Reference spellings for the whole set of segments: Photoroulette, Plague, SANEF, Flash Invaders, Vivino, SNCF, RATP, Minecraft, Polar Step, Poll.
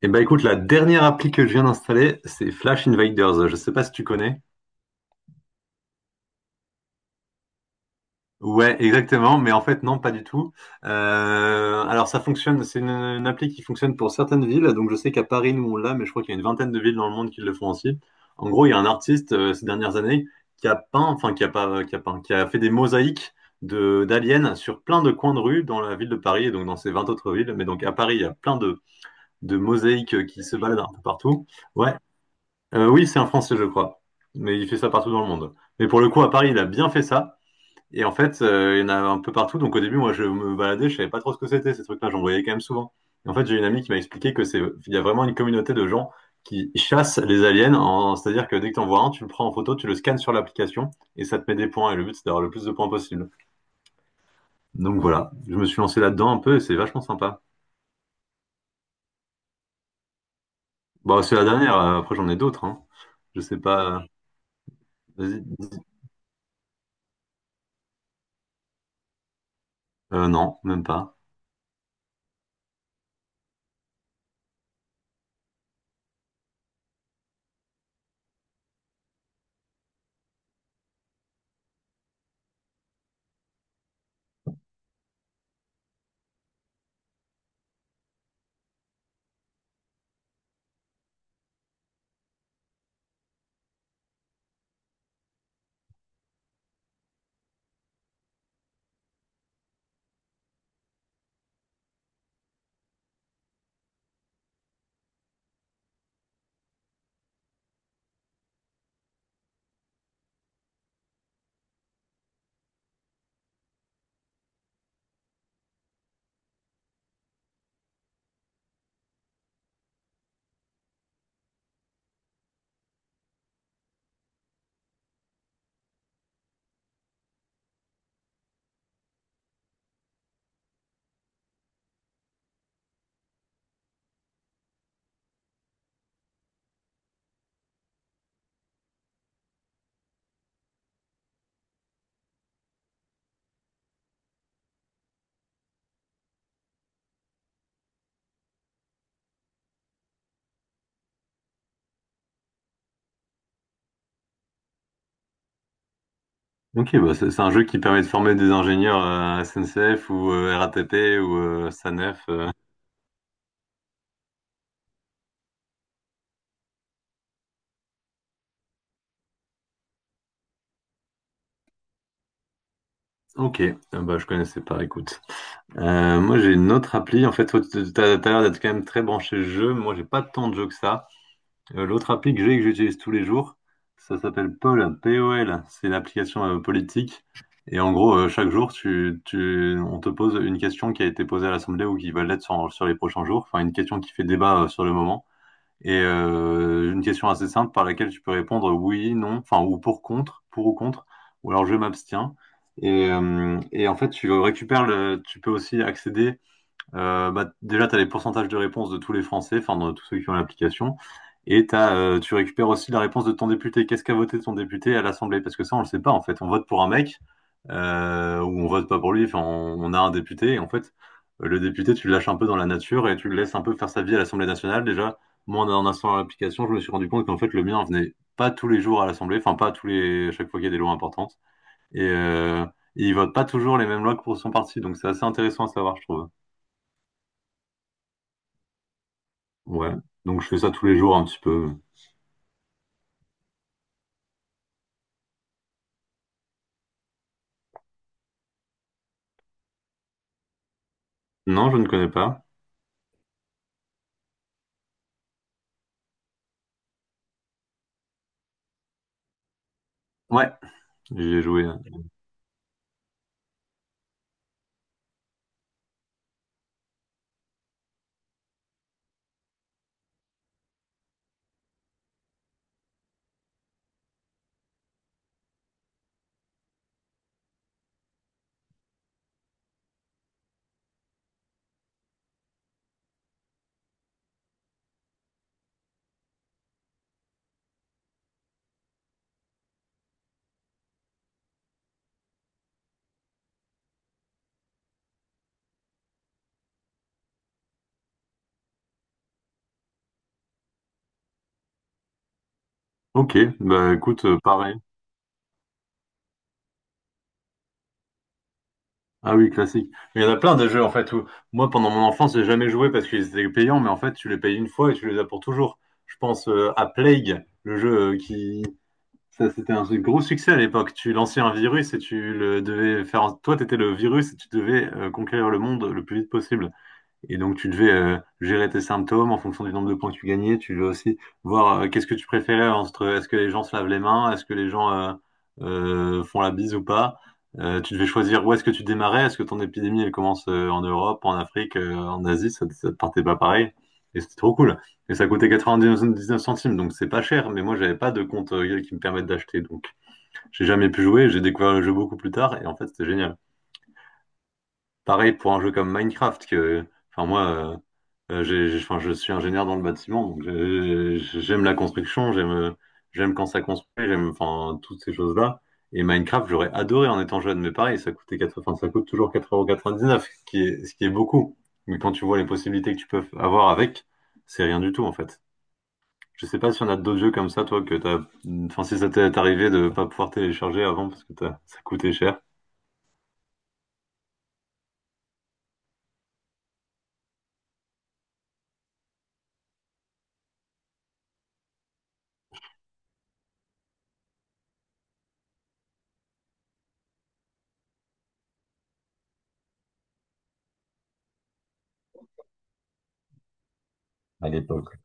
Eh ben écoute, la dernière appli que je viens d'installer, c'est Flash Invaders. Je sais pas si tu connais. Ouais, exactement, mais en fait non, pas du tout. Alors ça fonctionne, c'est une appli qui fonctionne pour certaines villes. Donc je sais qu'à Paris nous on l'a, mais je crois qu'il y a une vingtaine de villes dans le monde qui le font aussi. En gros, il y a un artiste ces dernières années qui a peint, enfin qui a pas, qui a peint, qui a fait des mosaïques de d'aliens sur plein de coins de rue dans la ville de Paris et donc dans ces 20 autres villes. Mais donc à Paris, il y a plein de mosaïques qui se baladent un peu partout. Ouais. Oui, c'est un Français, je crois. Mais il fait ça partout dans le monde. Mais pour le coup, à Paris, il a bien fait ça. Et en fait, il y en a un peu partout. Donc au début, moi, je me baladais, je savais pas trop ce que c'était, ces trucs-là. J'en voyais quand même souvent. Et en fait, j'ai une amie qui m'a expliqué il y a vraiment une communauté de gens qui chassent les aliens. C'est-à-dire que dès que t'en vois un, tu le prends en photo, tu le scannes sur l'application et ça te met des points. Et le but, c'est d'avoir le plus de points possible. Donc voilà, je me suis lancé là-dedans un peu et c'est vachement sympa. Bon, c'est la dernière. Après, j'en ai d'autres. Hein. Je sais pas. Vas-y. Non, même pas. Ok, bah c'est un jeu qui permet de former des ingénieurs SNCF ou RATP ou SANEF. Ok, ah bah, je connaissais pas, écoute. Moi j'ai une autre appli, en fait, t'as l'air d'être quand même très branché jeu, moi j'ai pas tant de jeux que ça. L'autre appli que j'ai et que j'utilise tous les jours, ça s'appelle Poll, POL, c'est l'application politique. Et en gros, chaque jour, on te pose une question qui a été posée à l'Assemblée ou qui va l'être sur les prochains jours, enfin une question qui fait débat sur le moment. Et une question assez simple par laquelle tu peux répondre oui, non, enfin ou pour ou contre, ou alors je m'abstiens. Et en fait, tu peux aussi accéder, bah, déjà, tu as les pourcentages de réponse de tous les Français, enfin de tous ceux qui ont l'application, et tu récupères aussi la réponse de ton député. Qu'est-ce qu'a voté ton député à l'Assemblée? Parce que ça, on le sait pas en fait. On vote pour un mec, ou on vote pas pour lui. Enfin, on a un député et en fait, le député, tu le lâches un peu dans la nature et tu le laisses un peu faire sa vie à l'Assemblée nationale. Déjà, moi, en installant l'application, je me suis rendu compte qu'en fait, le mien venait pas tous les jours à l'Assemblée, enfin pas tous les chaque fois qu'il y a des lois importantes, et il vote pas toujours les mêmes lois que pour son parti. Donc c'est assez intéressant à savoir, je trouve. Ouais. Donc je fais ça tous les jours un petit peu. Non, je ne connais pas. Ouais, j'y ai joué. Ok, bah écoute, pareil. Ah oui, classique. Mais il y en a plein des jeux en fait où moi pendant mon enfance j'ai jamais joué parce qu'ils étaient payants, mais en fait tu les payes une fois et tu les as pour toujours. Je pense à Plague, le jeu, qui ça c'était un gros succès à l'époque. Tu lançais un virus et tu le devais faire. Toi t'étais le virus et tu devais conquérir le monde le plus vite possible. Et donc, tu devais gérer tes symptômes en fonction du nombre de points que tu gagnais. Tu devais aussi voir, qu'est-ce que tu préférais entre est-ce que les gens se lavent les mains, est-ce que les gens font la bise ou pas. Tu devais choisir où est-ce que tu démarrais. Est-ce que ton épidémie, elle commence, en Europe, en Afrique, en Asie? Ça te partait pas pareil. Et c'était trop cool. Et ça coûtait 99 centimes, donc c'est pas cher. Mais moi, j'avais pas de compte, qui me permette d'acheter. Donc, j'ai jamais pu jouer. J'ai découvert le jeu beaucoup plus tard. Et en fait, c'était génial. Pareil pour un jeu comme Minecraft, que, enfin moi, enfin, je suis ingénieur dans le bâtiment, donc j'aime la construction, j'aime quand ça construit, j'aime, enfin, toutes ces choses-là. Et Minecraft, j'aurais adoré en étant jeune, mais pareil, ça coûtait 4. Enfin, ça coûte toujours 4,99€, ce qui est, beaucoup. Mais quand tu vois les possibilités que tu peux avoir avec, c'est rien du tout, en fait. Je sais pas si on a d'autres jeux comme ça, toi, que t'as, enfin, si ça t'est arrivé de pas pouvoir télécharger avant parce que ça coûtait cher. À l'époque.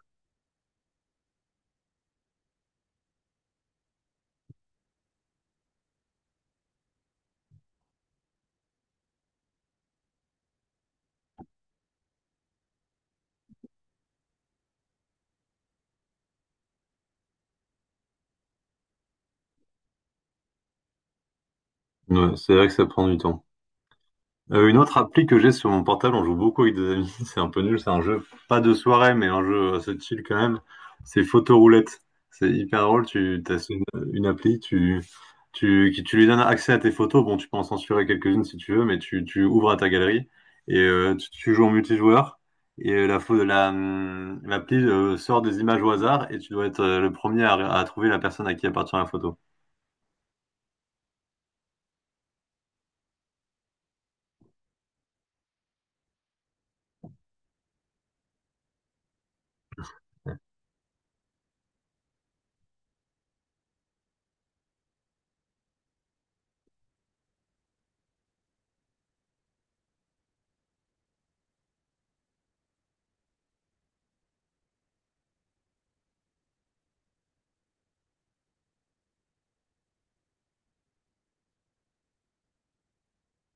Ouais, c'est vrai que ça prend du temps. Une autre appli que j'ai sur mon portable, on joue beaucoup avec des amis, c'est un peu nul, c'est un jeu pas de soirée, mais un jeu assez chill quand même, c'est Photoroulette. C'est hyper drôle, tu as une appli, tu lui donnes accès à tes photos, bon tu peux en censurer quelques-unes si tu veux, mais tu ouvres à ta galerie et tu joues en multijoueur et l'appli sort des images au hasard et tu dois être, le premier à trouver la personne à qui appartient la photo.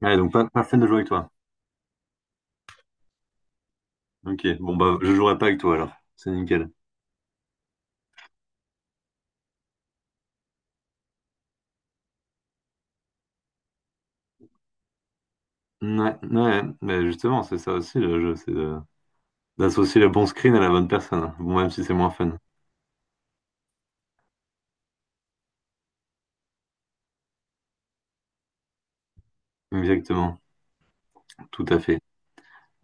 Ouais, donc pas fun de jouer avec toi. Ok, bon bah je jouerai pas avec toi alors, c'est nickel. Ouais, ouais, mais justement, c'est ça aussi le jeu, c'est d'associer le bon screen à la bonne personne. Bon, même si c'est moins fun. Exactement, tout à fait.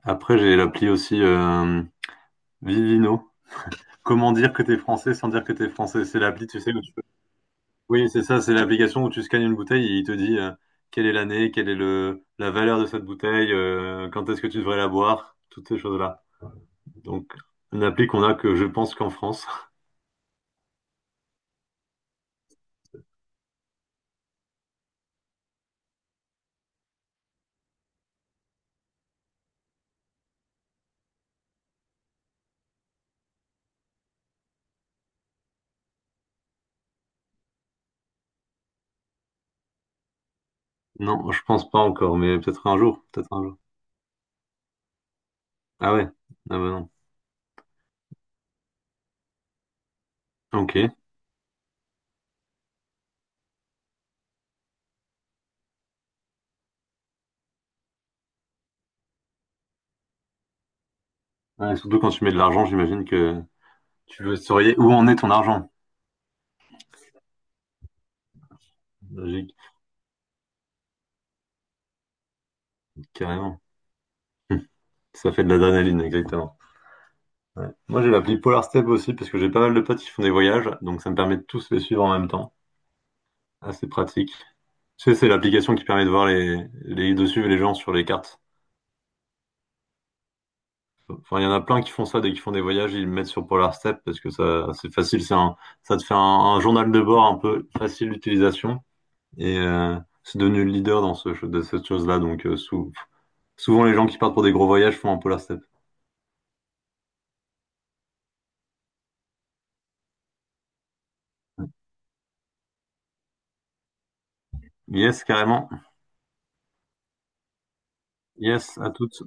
Après, j'ai l'appli aussi, Vivino. Comment dire que t'es français sans dire que t'es français? C'est l'appli, tu sais, où tu peux-. Oui, c'est ça, c'est l'application où tu scannes une bouteille et il te dit, quelle est l'année, quelle est le la valeur de cette bouteille, quand est-ce que tu devrais la boire, toutes ces choses-là. Donc, une appli qu'on a que je pense qu'en France. Non, je pense pas encore, mais peut-être un jour, peut-être un jour. Ah ouais, ah bah non. OK. Ouais, surtout quand tu mets de l'argent, j'imagine que tu veux surveiller où en est ton argent. Logique, carrément. Hum, Ça fait de l'adrénaline, exactement. Ouais. Moi, j'ai l'appli Polar Step aussi parce que j'ai pas mal de potes qui font des voyages, donc ça me permet de tous les suivre en même temps. Assez pratique. Tu sais, c'est l'application qui permet de voir de suivre les gens sur les cartes. Enfin, il y en a plein qui font ça dès qu'ils font des voyages, ils le mettent sur Polar Step parce que ça, c'est facile, ça te fait un journal de bord un peu facile d'utilisation. Et c'est devenu le leader dans de cette chose-là. Donc souvent les gens qui partent pour des gros voyages font un polar step. Yes, carrément. Yes, à toutes.